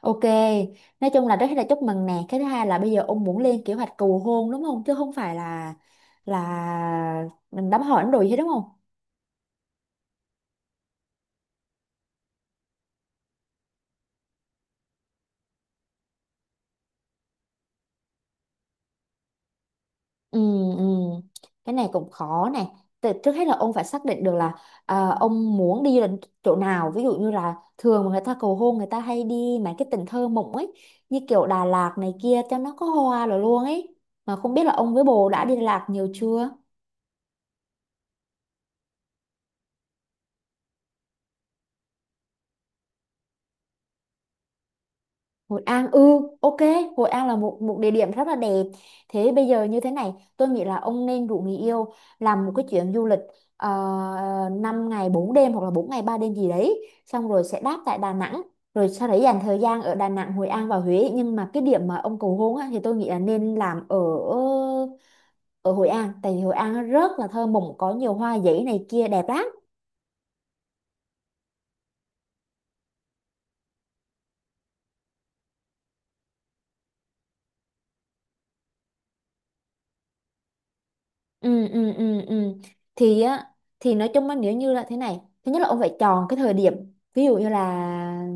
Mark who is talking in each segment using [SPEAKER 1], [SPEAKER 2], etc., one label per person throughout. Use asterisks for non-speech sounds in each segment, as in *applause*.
[SPEAKER 1] Ok, nói chung là rất là chúc mừng nè. Cái thứ hai là bây giờ ông muốn lên kế hoạch cầu hôn đúng không? Chứ không phải là mình đám hỏi rồi hết đúng không? Ừ, ừ. Cái này cũng khó này. Trước hết là ông phải xác định được là ông muốn đi đến chỗ nào. Ví dụ như là thường mà người ta cầu hôn người ta hay đi mấy cái tỉnh thơ mộng ấy. Như kiểu Đà Lạt này kia cho nó có hoa rồi luôn ấy. Mà không biết là ông với bồ đã đi Đà Lạt nhiều chưa? Hội An, ừ, ok. Hội An là một một địa điểm rất là đẹp. Thế bây giờ như thế này tôi nghĩ là ông nên rủ người yêu làm một cái chuyến du lịch 5 ngày 4 đêm hoặc là 4 ngày 3 đêm gì đấy, xong rồi sẽ đáp tại Đà Nẵng, rồi sau đấy dành thời gian ở Đà Nẵng, Hội An và Huế. Nhưng mà cái điểm mà ông cầu hôn á, thì tôi nghĩ là nên làm ở ở Hội An, tại vì Hội An rất là thơ mộng, có nhiều hoa giấy này kia đẹp lắm. Ừ, ừ, ừ, ừ. Thì á, thì nói chung á, nếu như là thế này, thứ nhất là ông phải chọn cái thời điểm. Ví dụ như là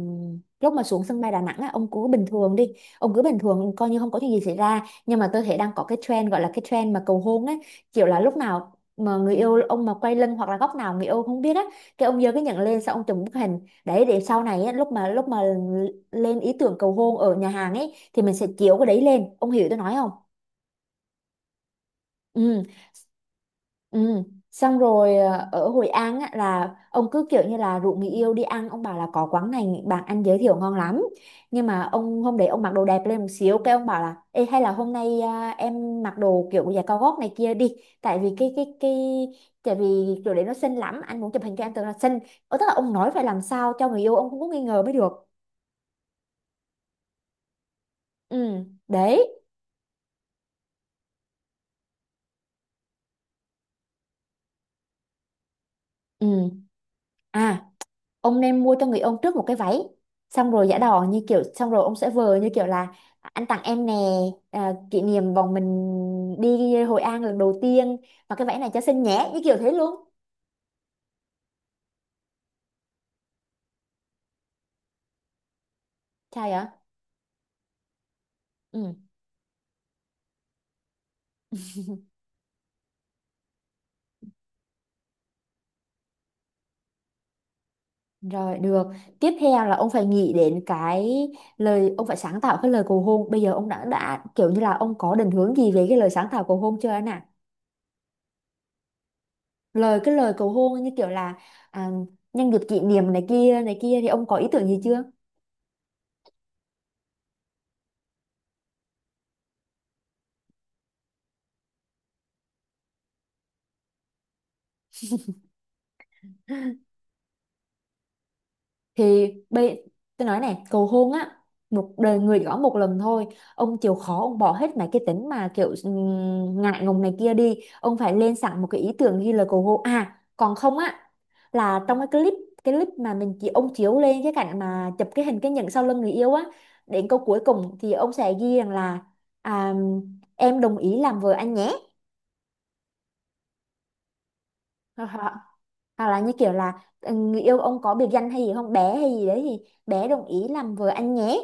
[SPEAKER 1] lúc mà xuống sân bay Đà Nẵng á, ông cứ bình thường đi, ông cứ bình thường coi như không có chuyện gì xảy ra. Nhưng mà tôi thấy đang có cái trend, gọi là cái trend mà cầu hôn ấy, kiểu là lúc nào mà người yêu ông mà quay lưng hoặc là góc nào người yêu không biết á, cái ông giơ cái nhận lên xong ông chụp bức hình đấy, để sau này á lúc mà lên ý tưởng cầu hôn ở nhà hàng ấy, thì mình sẽ chiếu cái đấy lên, ông hiểu tôi nói không? Ừ. Ừ. Xong rồi, ờ, ở Hội An á, là ông cứ kiểu như là rủ người yêu đi ăn, ông bảo là có quán này bạn anh giới thiệu ngon lắm, nhưng mà ông hôm đấy ông mặc đồ đẹp lên một xíu, cái ông bảo là: Ê, hay là hôm nay em mặc đồ kiểu giày cao gót này kia đi, tại vì cái tại vì kiểu đấy nó xinh lắm anh muốn chụp hình cho em tưởng là xinh. Ờ, tức là ông nói phải làm sao cho người yêu ông cũng có nghi ngờ mới được. Ừ, đấy. Ừ, à, ông nên mua cho người ông trước một cái váy, xong rồi giả đò như kiểu, xong rồi ông sẽ vờ như kiểu là: Anh tặng em nè, à, kỷ niệm bọn mình đi Hội An lần đầu tiên và cái váy này cho xinh nhé, như kiểu thế luôn. Trai ạ. Ừ. Rồi, được, tiếp theo là ông phải nghĩ đến cái lời, ông phải sáng tạo cái lời cầu hôn. Bây giờ ông đã kiểu như là ông có định hướng gì về cái lời sáng tạo cầu hôn chưa anh ạ? Lời, cái lời cầu hôn như kiểu là: À, nhân dịp kỷ niệm này kia này kia. Thì ông có ý tưởng gì chưa? Thì tôi nói này, cầu hôn á, một đời người gõ một lần thôi, ông chịu khó ông bỏ hết mấy cái tính mà kiểu ngại ngùng này kia đi, ông phải lên sẵn một cái ý tưởng ghi lời cầu hôn. À, còn không á, là trong cái clip, cái clip mà mình chỉ ông chiếu lên cái cảnh mà chụp cái hình cái nhẫn sau lưng người yêu á, đến câu cuối cùng thì ông sẽ ghi rằng là: À, em đồng ý làm vợ anh nhé. Hoặc hoặc- hoặc là như kiểu là, ừ, người yêu ông có biệt danh hay gì không, bé hay gì đấy, thì: Bé đồng ý làm vợ anh nhé.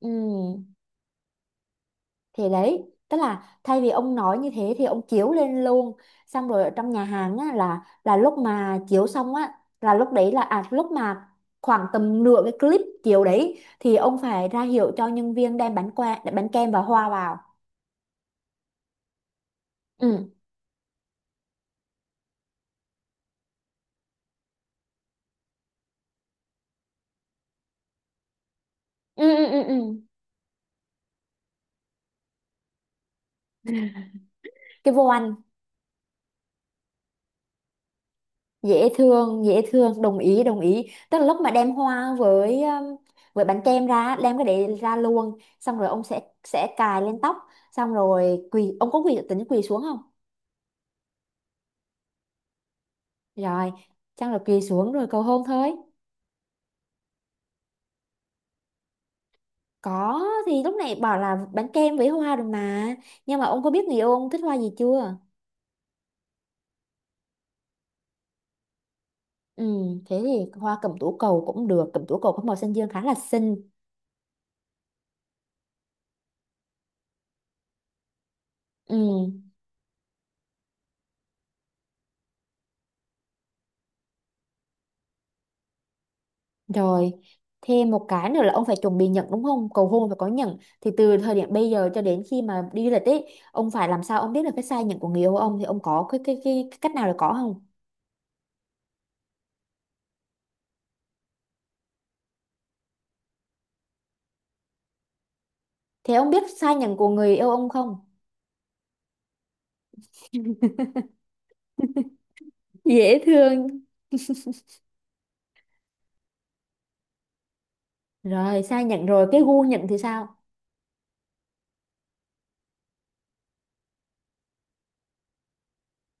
[SPEAKER 1] Ừ, thì đấy, tức là thay vì ông nói như thế thì ông chiếu lên luôn. Xong rồi ở trong nhà hàng á, là lúc mà chiếu xong á, là lúc đấy là à lúc mà khoảng tầm nửa cái clip chiếu đấy, thì ông phải ra hiệu cho nhân viên đem bánh qua, bánh kem và hoa vào. Ừ. Ừ, ừ, ừ, ừ. Cái vô ăn, dễ thương, dễ thương, đồng ý đồng ý, tức là lúc mà đem hoa với bánh kem ra, đem cái đấy ra luôn, xong rồi ông sẽ cài lên tóc, xong rồi quỳ, ông có quỳ tính quỳ xuống không? Rồi, chắc là quỳ xuống rồi cầu hôn thôi. Có thì lúc này bảo là bánh kem với hoa rồi mà, nhưng mà ông có biết người yêu ông thích hoa gì chưa? Ừ, thế thì hoa cẩm tú cầu cũng được, cẩm tú cầu có màu xanh dương khá là xinh. Ừ. Rồi, thêm một cái nữa là ông phải chuẩn bị nhẫn đúng không? Cầu hôn phải có nhẫn. Thì từ thời điểm bây giờ cho đến khi mà đi du lịch ấy, ông phải làm sao ông biết được cái size nhẫn của người yêu ông. Thì ông có cái cách nào để có không? Thế ông biết size nhẫn của người yêu ông không? Dễ thương. Rồi, size nhẫn rồi, cái gu nhẫn thì sao?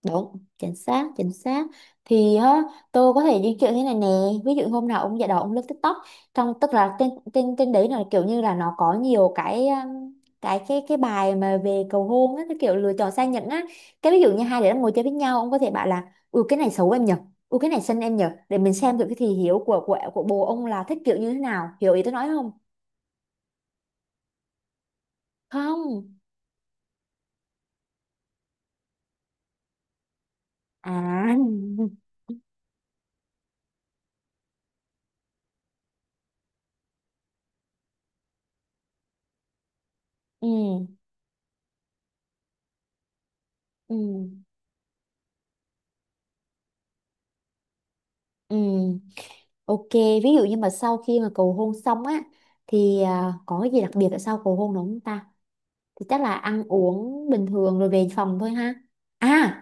[SPEAKER 1] Đúng, chính xác, chính xác. Thì á, tôi có thể di chuyển thế này nè. Ví dụ hôm nào ông già đò ông lướt TikTok, trong, tức là trên trên trên đấy là kiểu như là nó có nhiều cái, cái bài mà về cầu hôn á, cái kiểu lựa chọn sang nhẫn á. Cái ví dụ như hai đứa đang ngồi chơi với nhau, ông có thể bảo là: Ừ cái này xấu em nhỉ, ừ cái này xinh em nhỉ, để mình xem được cái thị hiếu của bồ ông là thích kiểu như thế nào. Hiểu ý tôi nói không? Không. À. *laughs* Ừ. Ừ. Ừ. Ok, ví dụ như mà sau khi mà cầu hôn xong á, thì à, có cái gì đặc biệt ở sau cầu hôn đúng không ta? Thì chắc là ăn uống bình thường rồi về phòng thôi ha. À,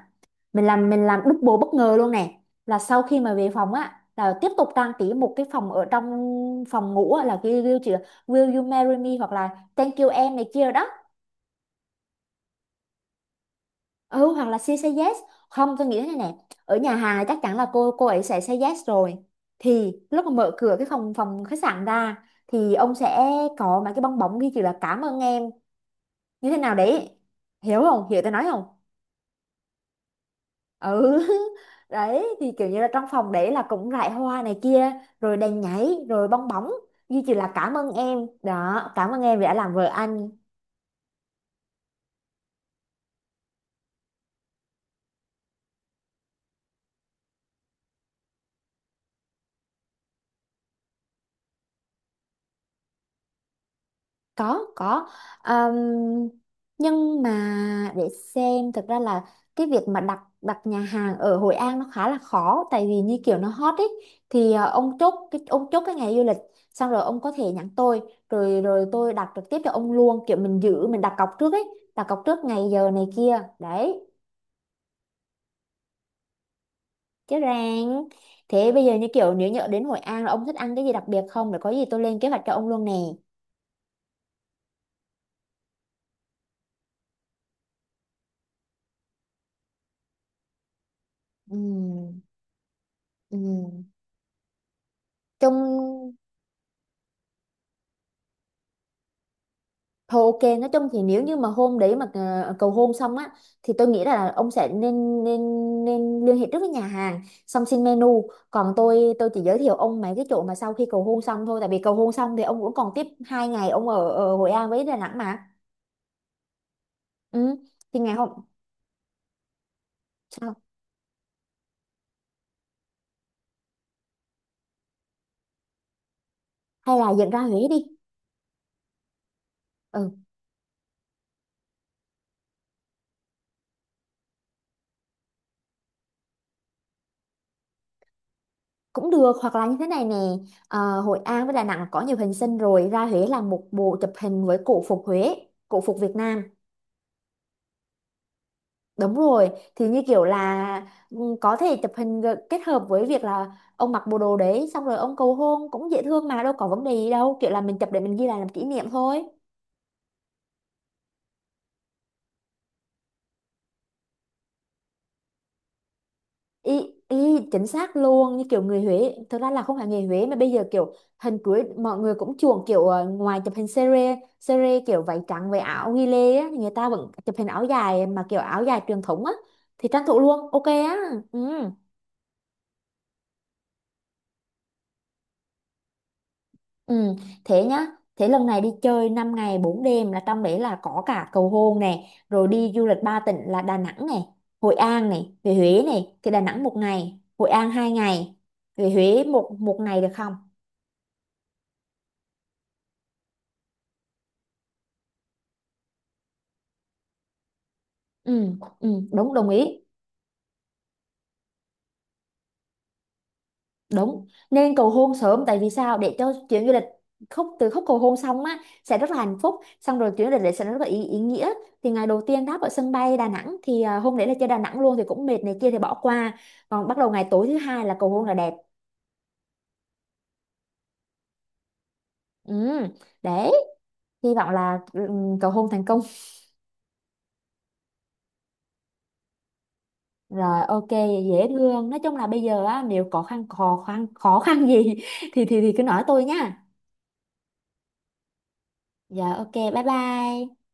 [SPEAKER 1] mình làm double bất ngờ luôn nè. Là sau khi mà về phòng á là tiếp tục trang trí một cái phòng, ở trong phòng ngủ á, là cái will, Will you marry me hoặc là thank you em này kia đó. Ừ, hoặc là she say yes. Không, tôi nghĩ thế này nè, ở nhà hàng chắc chắn là cô ấy sẽ say yes rồi, thì lúc mà mở cửa cái phòng phòng khách sạn ra thì ông sẽ có mấy cái bong bóng ghi chữ là cảm ơn em như thế nào đấy. Hiểu không, hiểu tôi nói không? Ừ. *laughs* Đấy, thì kiểu như là trong phòng đấy là cũng rải hoa này kia, rồi đèn nhảy rồi bong bóng ghi chữ là cảm ơn em đó, cảm ơn em vì đã làm vợ anh. Có có. Ờm, nhưng mà, để xem, thực ra là cái việc mà đặt đặt nhà hàng ở Hội An nó khá là khó, tại vì như kiểu nó hot ấy. Thì ờ, ông chốt cái ngày du lịch, xong rồi ông có thể nhắn tôi, rồi rồi tôi đặt trực tiếp cho ông luôn, kiểu mình giữ, mình đặt cọc trước ấy, đặt cọc trước ngày giờ này kia đấy. Chứ ràng. Thế bây giờ như kiểu nếu nhỡ đến Hội An là ông thích ăn cái gì đặc biệt không, để có gì tôi lên kế hoạch cho ông luôn nè. Ừ, ừ, chung. Thôi ok, nói chung thì nếu như mà hôm đấy mà ờ, cầu hôn xong á, thì tôi nghĩ là ông sẽ nên nên nên liên hệ trước với nhà hàng, xong xin menu. Còn tôi chỉ giới thiệu ông mấy cái chỗ mà sau khi cầu hôn xong thôi, tại vì cầu hôn xong thì ông cũng còn tiếp 2 ngày ông ở Hội An với Đà Nẵng mà. Ừ. Thì ngày hôm sao, hay là dẫn ra Huế đi. Ừ, cũng được, hoặc là như thế này nè, ờ, Hội An với Đà Nẵng có nhiều hình sinh rồi, ra Huế làm một bộ chụp hình với cổ phục Huế, cổ phục Việt Nam. Đúng rồi, thì như kiểu là, ừ, có thể chụp hình kết hợp với việc là ông mặc bộ đồ đấy xong rồi ông cầu hôn cũng dễ thương mà, đâu có vấn đề gì đâu, kiểu là mình chụp để mình ghi lại làm kỷ niệm thôi. Y, y chính xác luôn, như kiểu người Huế, thực ra là không phải người Huế mà bây giờ kiểu hình cưới mọi người cũng chuộng kiểu ờ, ngoài chụp hình sere kiểu váy trắng với áo ghi lê á, thì người ta vẫn chụp hình áo dài mà kiểu áo dài truyền thống á, thì tranh thủ luôn, ok á. Ừ. Ừ, thế nhá. Thế lần này đi chơi 5 ngày 4 đêm là trong đấy là có cả cầu hôn này, rồi đi du lịch ba tỉnh là Đà Nẵng này, Hội An này, về Huế này, thì Đà Nẵng 1 ngày, Hội An 2 ngày, về Huế một một ngày được không? Ừ, ừ, đúng, đồng ý. Đúng, nên cầu hôn sớm, tại vì sao, để cho chuyến du lịch, khúc từ khúc cầu hôn xong á sẽ rất là hạnh phúc, xong rồi chuyến du lịch đấy sẽ rất là ý nghĩa. Thì ngày đầu tiên đáp ở sân bay Đà Nẵng, thì à, hôm đấy là chơi Đà Nẵng luôn thì cũng mệt này kia thì bỏ qua, còn bắt đầu ngày tối thứ hai là cầu hôn là đẹp. Ừ, đấy, hy vọng là, ừ, cầu hôn thành công. Rồi, ok. Dễ thương, nói chung là bây giờ á nếu có khăn khó khăn khó khăn gì *laughs* thì thì cứ nói tôi nha. Dạ, ok, bye bye.